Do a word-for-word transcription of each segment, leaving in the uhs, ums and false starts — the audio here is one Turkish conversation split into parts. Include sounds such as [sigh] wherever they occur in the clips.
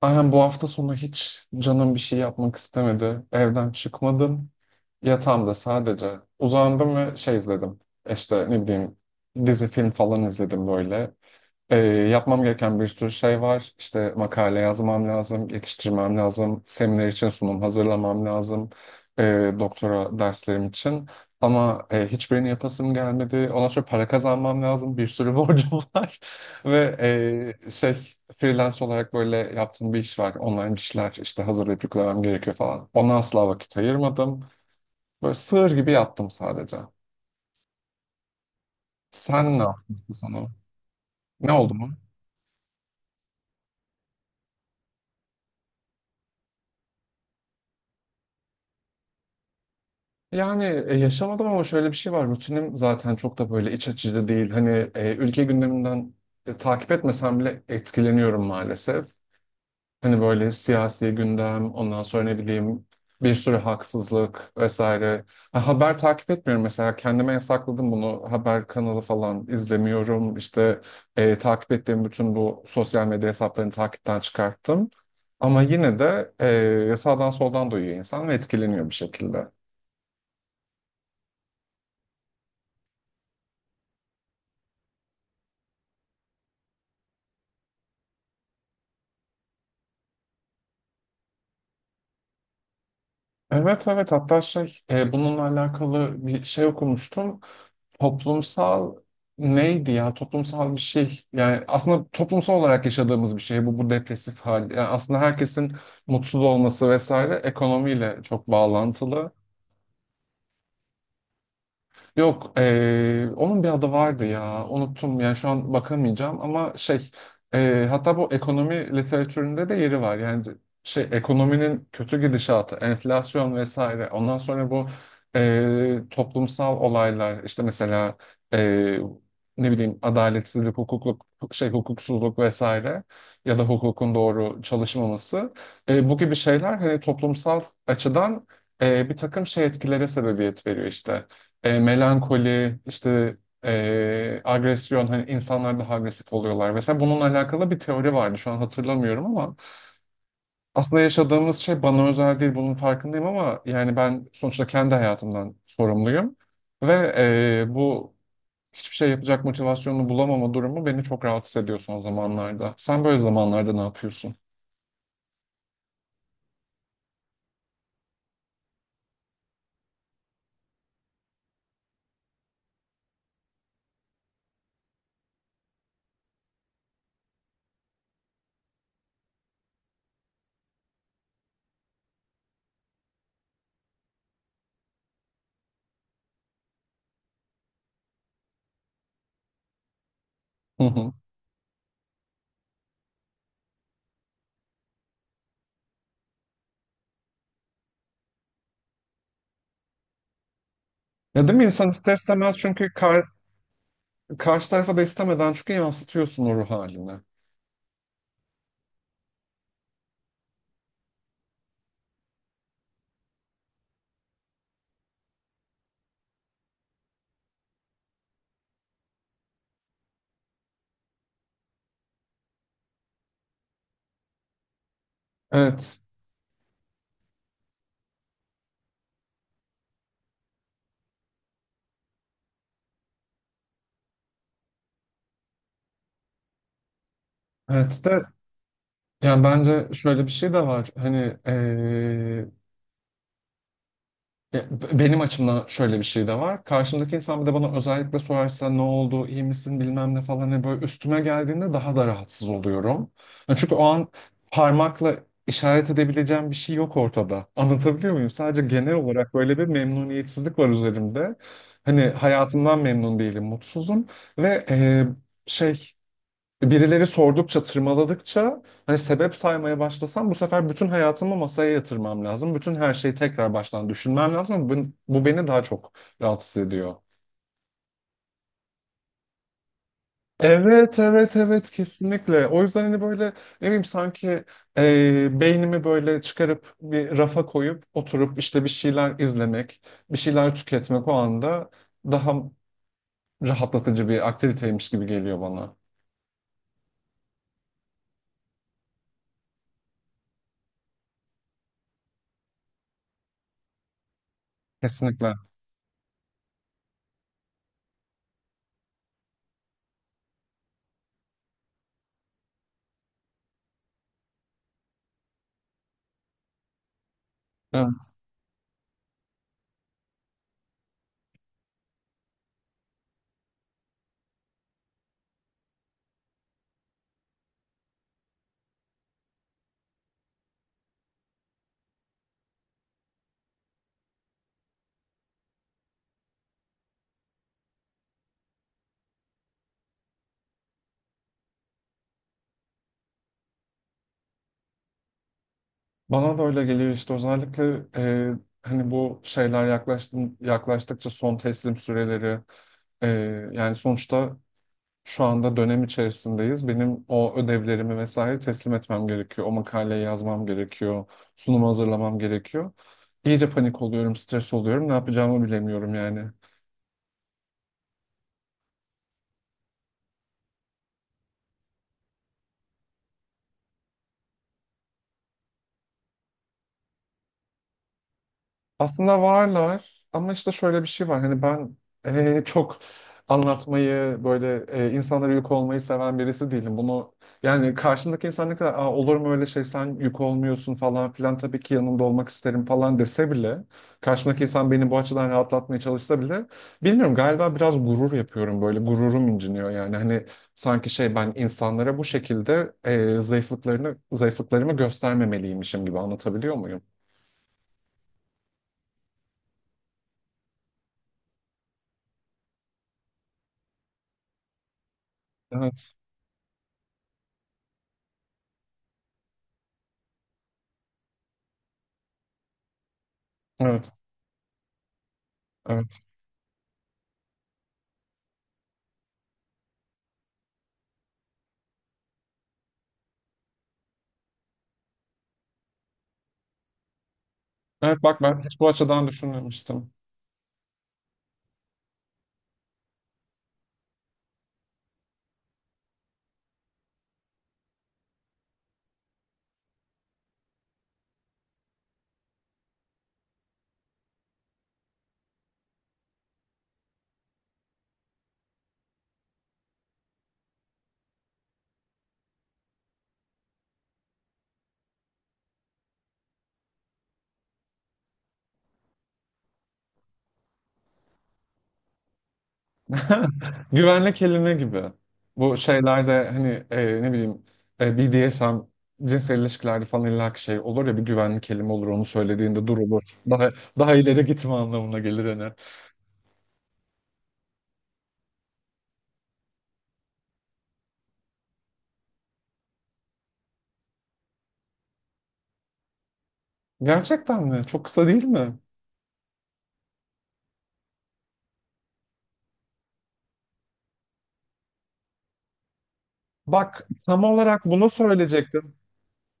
Aynen bu hafta sonu hiç canım bir şey yapmak istemedi. Evden çıkmadım. Yatağımda sadece uzandım ve şey izledim. İşte ne bileyim dizi film falan izledim böyle. Ee, yapmam gereken bir sürü şey var. İşte makale yazmam lazım, yetiştirmem lazım, seminer için sunum hazırlamam lazım, ee, doktora derslerim için. Ama e, hiçbirini yapasım gelmedi. Ondan sonra para kazanmam lazım, bir sürü borcum var. [laughs] Ve eee, şey freelance olarak böyle yaptığım bir iş var. Online bir şeyler işte hazırlayıp yüklemem gerekiyor falan. Ona asla vakit ayırmadım. Böyle sığır gibi yattım sadece. Sen ne yaptın bu sonu? Ne oldu mu? Yani e, yaşamadım ama şöyle bir şey var. Rutinim zaten çok da böyle iç açıcı değil. Hani e, ülke gündeminden e, takip etmesem bile etkileniyorum maalesef. Hani böyle siyasi gündem, ondan sonra ne bileyim bir sürü haksızlık vesaire. Ha, haber takip etmiyorum mesela. Kendime yasakladım bunu. Haber kanalı falan izlemiyorum. İşte e, takip ettiğim bütün bu sosyal medya hesaplarını takipten çıkarttım. Ama yine de e, sağdan soldan duyuyor insan ve etkileniyor bir şekilde. Evet evet, hatta şey e, bununla alakalı bir şey okumuştum. Toplumsal neydi ya, toplumsal bir şey, yani aslında toplumsal olarak yaşadığımız bir şey bu bu depresif hal. Yani aslında herkesin mutsuz olması vesaire ekonomiyle çok bağlantılı. Yok, eee, onun bir adı vardı ya. Unuttum yani şu an bakamayacağım, ama şey eee, hatta bu ekonomi literatüründe de yeri var. Yani şey ekonominin kötü gidişatı, enflasyon vesaire. Ondan sonra bu eee, toplumsal olaylar işte mesela eee, ne bileyim adaletsizlik, hukukluk, şey hukuksuzluk vesaire ya da hukukun doğru çalışmaması. Eee, bu gibi şeyler hani toplumsal açıdan eee, bir takım şey etkilere sebebiyet veriyor işte e, melankoli, işte e, agresyon, hani insanlar daha agresif oluyorlar vesaire. Bununla alakalı bir teori vardı. Şu an hatırlamıyorum ama aslında yaşadığımız şey bana özel değil. Bunun farkındayım ama yani ben sonuçta kendi hayatımdan sorumluyum. Ve e, bu hiçbir şey yapacak motivasyonunu bulamama durumu beni çok rahatsız ediyor son zamanlarda. Sen böyle zamanlarda ne yapıyorsun? Hı hı. Ya değil mi, insan ister istemez çünkü kar- karşı tarafa da istemeden çünkü yansıtıyorsun o ruh halini. Evet. Evet de yani bence şöyle bir şey de var. Hani eee, e, benim açımdan şöyle bir şey de var. Karşımdaki insan bir de bana özellikle sorarsa ne oldu, iyi misin, bilmem ne falan, hani böyle üstüme geldiğinde daha da rahatsız oluyorum. Yani çünkü o an parmakla işaret edebileceğim bir şey yok ortada. [laughs] Anlatabiliyor muyum? Sadece genel olarak böyle bir memnuniyetsizlik var üzerimde. Hani hayatımdan memnun değilim, mutsuzum ve eee, şey birileri sordukça, tırmaladıkça hani sebep saymaya başlasam bu sefer bütün hayatımı masaya yatırmam lazım. Bütün her şeyi tekrar baştan düşünmem lazım. Bu, bu beni daha çok rahatsız ediyor. Evet, evet, evet, kesinlikle. O yüzden hani böyle ne bileyim, sanki e, beynimi böyle çıkarıp bir rafa koyup oturup işte bir şeyler izlemek, bir şeyler tüketmek o anda daha rahatlatıcı bir aktiviteymiş gibi geliyor bana. Kesinlikle. Evet. Bana da öyle geliyor işte, özellikle e, hani bu şeyler yaklaştım, yaklaştıkça son teslim süreleri e, yani sonuçta şu anda dönem içerisindeyiz. Benim o ödevlerimi vesaire teslim etmem gerekiyor. O makaleyi yazmam gerekiyor. Sunumu hazırlamam gerekiyor. İyice panik oluyorum, stres oluyorum. Ne yapacağımı bilemiyorum yani. Aslında varlar ama işte şöyle bir şey var. Hani ben eee, çok anlatmayı böyle eee, insanlara yük olmayı seven birisi değilim. Bunu yani, karşımdaki insan ne kadar "Aa, olur mu öyle şey, sen yük olmuyorsun falan filan, tabii ki yanında olmak isterim" falan dese bile, karşımdaki insan beni bu açıdan rahatlatmaya çalışsa bile bilmiyorum, galiba biraz gurur yapıyorum, böyle gururum inciniyor yani, hani sanki şey, ben insanlara bu şekilde eee, zayıflıklarını zayıflıklarımı göstermemeliymişim gibi, anlatabiliyor muyum? Evet. Evet. Evet. Evet bak, ben hiç bu açıdan düşünmemiştim. [laughs] Güvenlik kelime gibi. Bu şeylerde hani e, ne bileyim e, B D S M cinsel ilişkilerde falan illaki şey olur ya, bir güvenlik kelime olur, onu söylediğinde durulur. Daha Daha ileri gitme anlamına gelir hani. Gerçekten mi? Çok kısa değil mi? Bak tam olarak bunu söyleyecektim.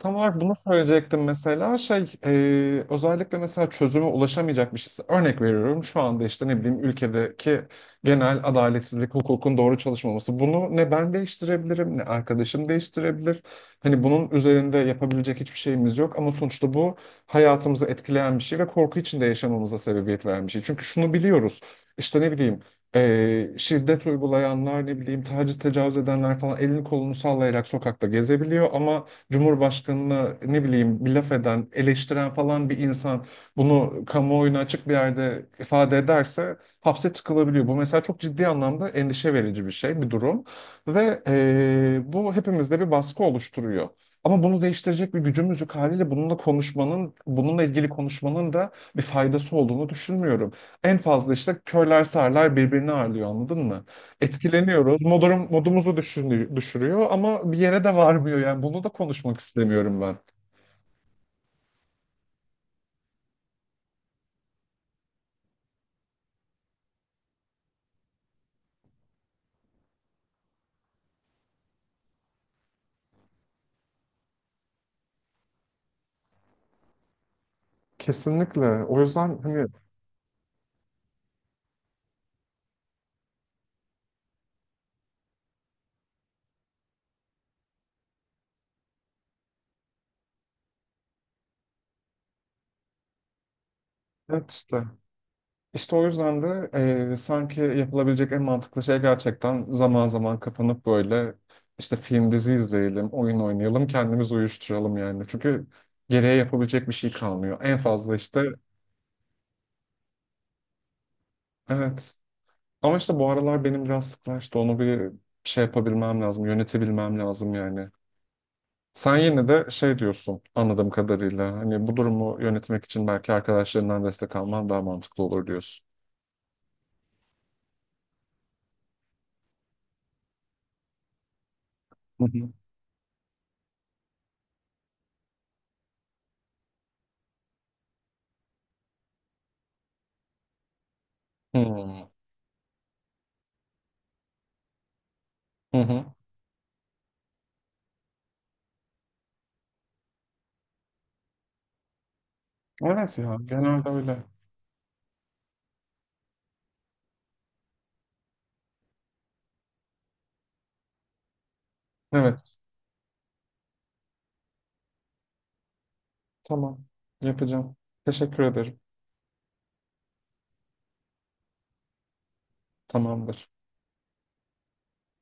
Tam olarak bunu söyleyecektim, mesela şey e, özellikle mesela çözüme ulaşamayacak bir şeyse, örnek veriyorum şu anda, işte ne bileyim, ülkedeki genel adaletsizlik, hukukun doğru çalışmaması, bunu ne ben değiştirebilirim ne arkadaşım değiştirebilir, hani bunun üzerinde yapabilecek hiçbir şeyimiz yok ama sonuçta bu hayatımızı etkileyen bir şey ve korku içinde yaşamamıza sebebiyet veren bir şey, çünkü şunu biliyoruz, işte ne bileyim e, şiddet uygulayanlar, ne bileyim, taciz tecavüz edenler falan, elini kolunu sallayarak sokakta gezebiliyor ama Cumhurbaşkanına ne bileyim bir laf eden, eleştiren falan bir insan bunu kamuoyuna açık bir yerde ifade ederse hapse tıkılabiliyor. Bu mesela çok ciddi anlamda endişe verici bir şey, bir durum. Ve eee, bu hepimizde bir baskı oluşturuyor. Ama bunu değiştirecek bir gücümüz yok, haliyle bununla konuşmanın, bununla ilgili konuşmanın da bir faydası olduğunu düşünmüyorum. En fazla işte körler sağırlar birbirini ağırlıyor, anladın mı? Etkileniyoruz. Modum, modumuzu düşürü- düşürüyor ama bir yere de varmıyor yani. Bunu da konuşmak istemiyorum ben. Kesinlikle. O yüzden hani evet işte. İşte o yüzden de e, sanki yapılabilecek en mantıklı şey gerçekten zaman zaman kapanıp böyle işte film dizi izleyelim, oyun oynayalım, kendimizi uyuşturalım yani. Çünkü geriye yapabilecek bir şey kalmıyor. En fazla işte evet. Ama işte bu aralar benim biraz sıklaştı. Onu bir şey yapabilmem lazım, yönetebilmem lazım yani. Sen yine de şey diyorsun anladığım kadarıyla. Hani bu durumu yönetmek için belki arkadaşlarından destek alman daha mantıklı olur diyorsun. Hı hı. Hmm. Hı hı. Evet ya, genelde öyle. Evet. Tamam. Yapacağım. Teşekkür ederim. Tamamdır.